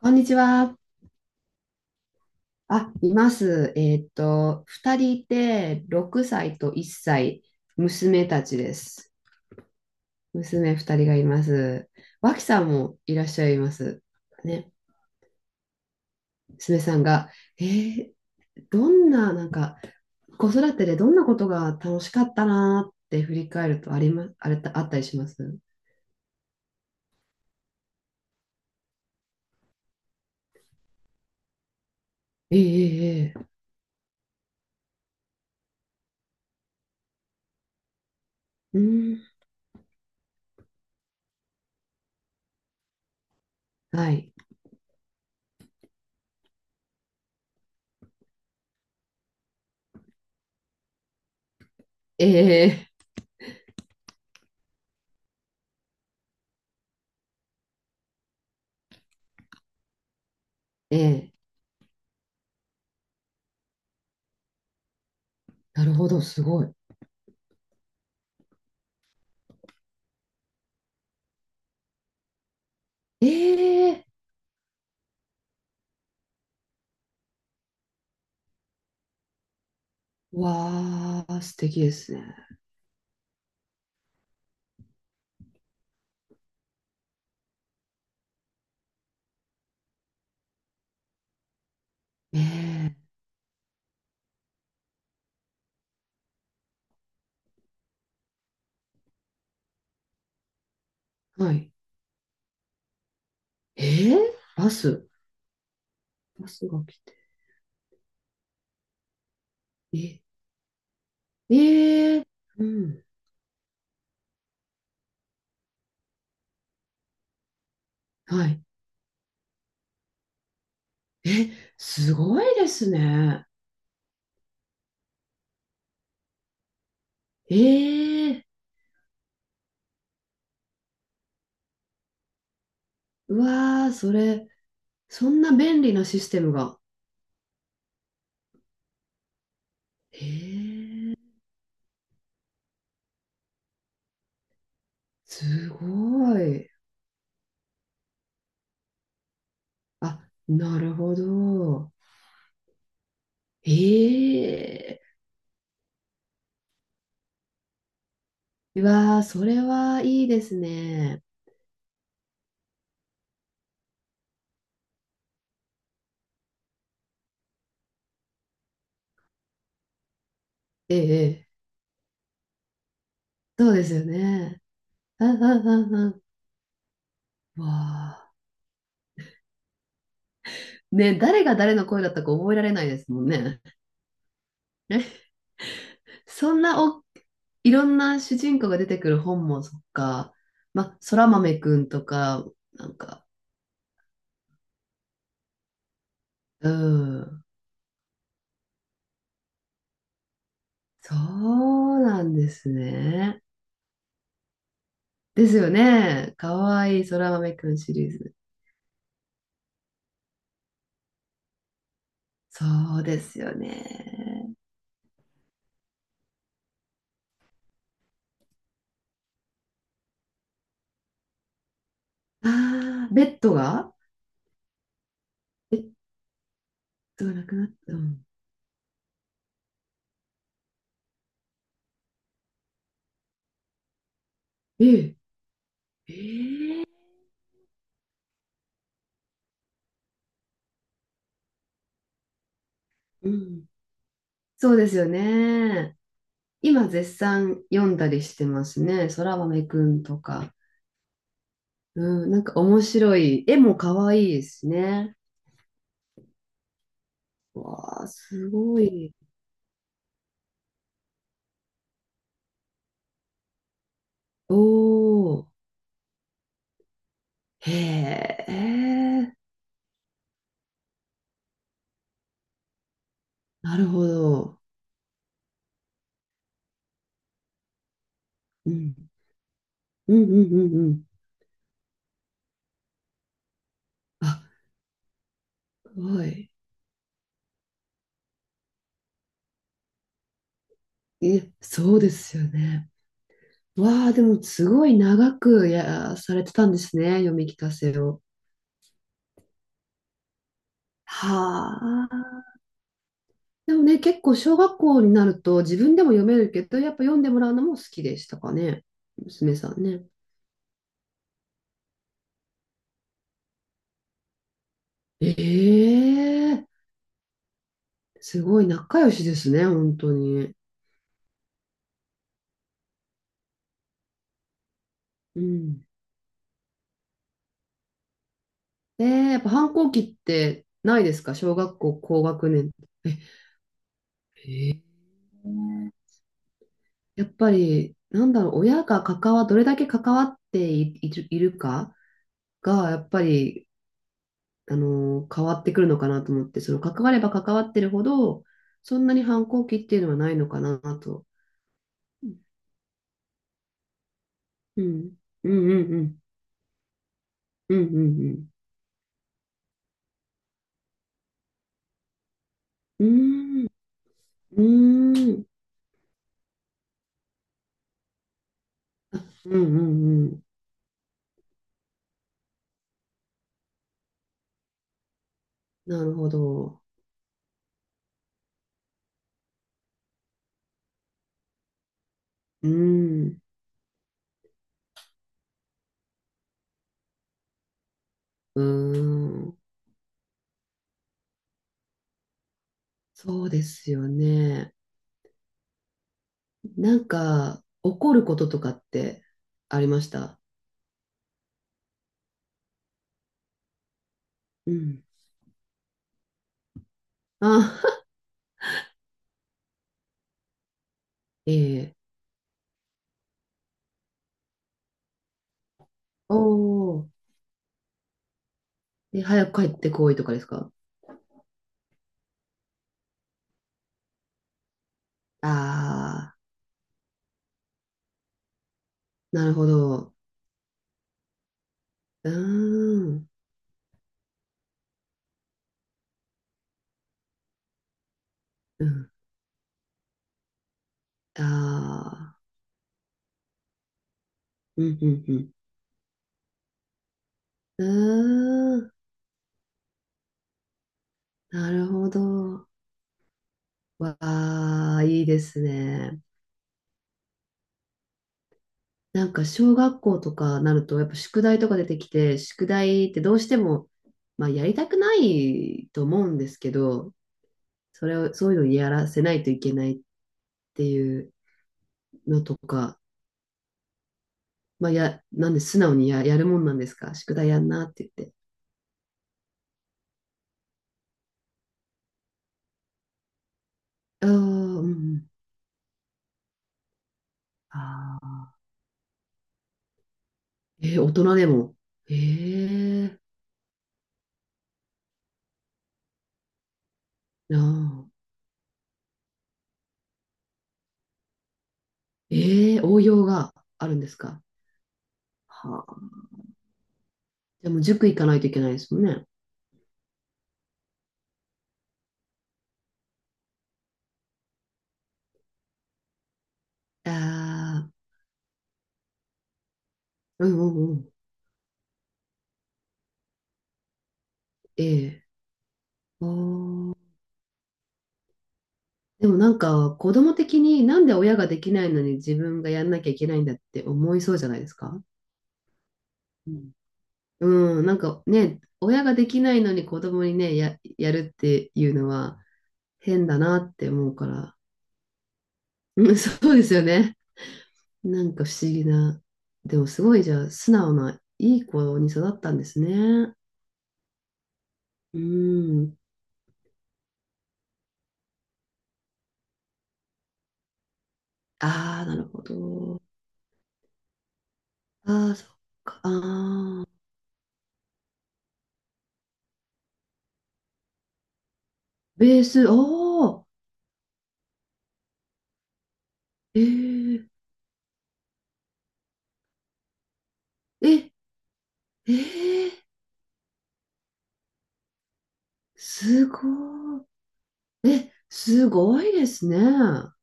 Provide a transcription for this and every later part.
こんにちは。あ、います。二人いて、6歳と1歳、娘たちです。娘二人がいます。脇さんもいらっしゃいます。ね、娘さんが、えーどんな、なんか、子育てでどんなことが楽しかったなーって振り返るとありま、あれ、あったりしますええええええ。うん、はい。ええええ。なるほど、すごい。ええ。わー、素敵ですね。ねえ。はい。ええ。バス。バスが来て。え、ええ。うん。はい。え、すごいですね。ええ。うわー、それ、そんな便利なシステムが。ええ。すごい。あ、なるほど。ええ。うわー、それはいいですね。ええ、ええ。そうですよね。うんうんうんうん。わあ。ね、誰が誰の声だったか覚えられないですもんね。そんなお、いろんな主人公が出てくる本もそっか、ま、そら豆くんとか、なんか、うん、そうなんですね。ですよね。かわいいそら豆くんシリーズ。そうですよね。ああ、ベッドがなくなった。うん。ええ。ええ。うん。そうですよね。今絶賛読んだりしてますね。そら豆くんとか。うん、なんか面白い。絵も可愛いですしね。わあ、すごい。おお、へえ、なるほど。うん、うん、うん、うん。うん。あ、すごい。え、そうですよね。わあ、でもすごい長くや、されてたんですね。読み聞かせを。はあ。でもね、結構小学校になると自分でも読めるけど、やっぱ読んでもらうのも好きでしたかね。娘さんね。ええ。すごい仲良しですね、本当に。うん。えー、やっぱ反抗期ってないですか小学校高学年。え、えー、ね。やっぱり、なんだろう、親がどれだけ関わってい、いるかが、やっぱり、変わってくるのかなと思って、その関われば関わってるほど、そんなに反抗期っていうのはないのかなと。うん。うんうんうん。うんうんうん。うーん。うーん。うんうんうん。なるほど。うん。うん。そうですよね。なんか、怒ることとかってありました？うん。あ、ええ。おお。で、早く帰ってこいとかですか？ああー、なるほど。うーん。うん。ああ。うん、うん、うん。うーん。なるほど。わあ、いいですね。なんか小学校とかなるとやっぱ宿題とか出てきて、宿題ってどうしても、まあ、やりたくないと思うんですけど、それを、そういうのをや、らせないといけないっていうのとか、まあ、や、なんで素直にやるもんなんですか宿題やんなって言って。ああ、うん。ああ、えー大人でも。ええ。なあ。ええ応用があるんですか？はあ。でも塾行かないといけないですもんね。ああ、うん。うんうん。ええ。あー、でもなんか子供的になんで親ができないのに自分がやんなきゃいけないんだって思いそうじゃないですか？うん、うん、なんかね、親ができないのに子供にね、やるっていうのは変だなって思うから。うん、そうですよね。なんか不思議な。でもすごいじゃあ素直ないい子に育ったんですね。うん。ああ、なるほど。ああ、そっか。ああ。ベース、お。ええー。え、ええ。すごい。え、すごいですね。あ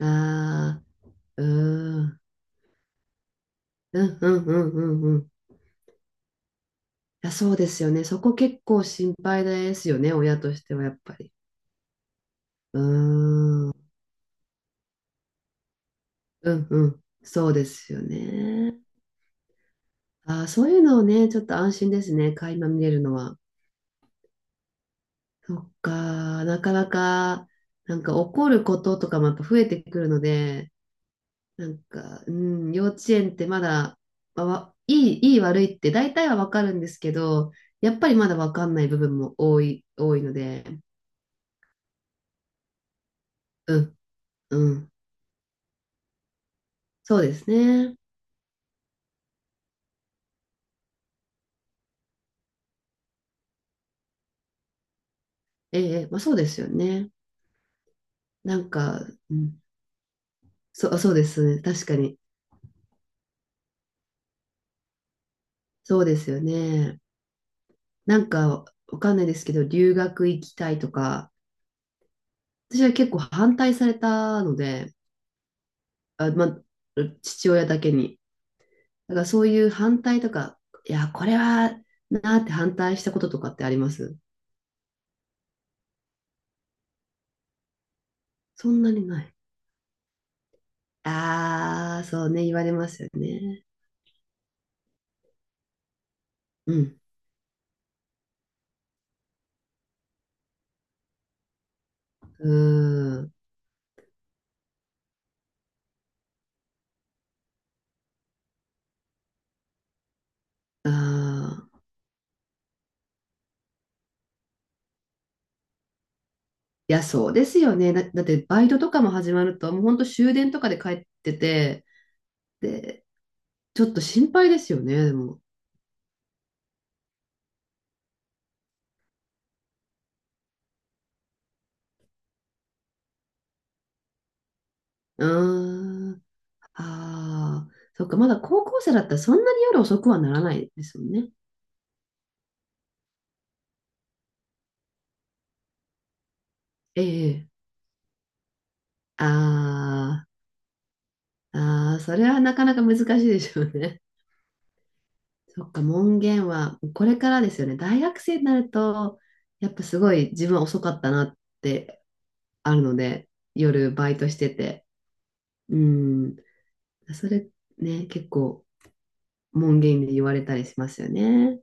あ、うん。うんうんうんうんうん。いや、そうですよね。そこ結構心配ですよね。親としてはやっぱり。うーん。うんうん。そうですよね。ああ、そういうのをね、ちょっと安心ですね。垣間見れるのは。そっか。なかなか、なんか怒ることとかもやっぱ増えてくるので、なんか、うん、幼稚園ってまだ、まあわいい、いい悪いって大体はわかるんですけど、やっぱりまだわかんない部分も多いので、うん、うん、そうですね。ええ、まあそうですよね。なんか、うん、そう、そうですね。確かに。そうですよね。なんか、わかんないですけど、留学行きたいとか、私は結構反対されたので、あ、まあ、父親だけに。だからそういう反対とか、いや、これはなーって反対したこととかってありますそんなにない。ああ、そうね、言われますよね。うん。うーん。ああ。いや、そうですよね。だってバイトとかも始まると、もうほんと終電とかで帰ってて、で、ちょっと心配ですよね、でも。うーん。ああ。そっか、まだ高校生だったらそんなに夜遅くはならないですよね。ええ。ああ。ああ、それはなかなか難しいでしょうね。そっか、門限はこれからですよね。大学生になると、やっぱすごい自分は遅かったなってあるので、夜バイトしてて。うん。それね、結構門限で言われたりしますよね。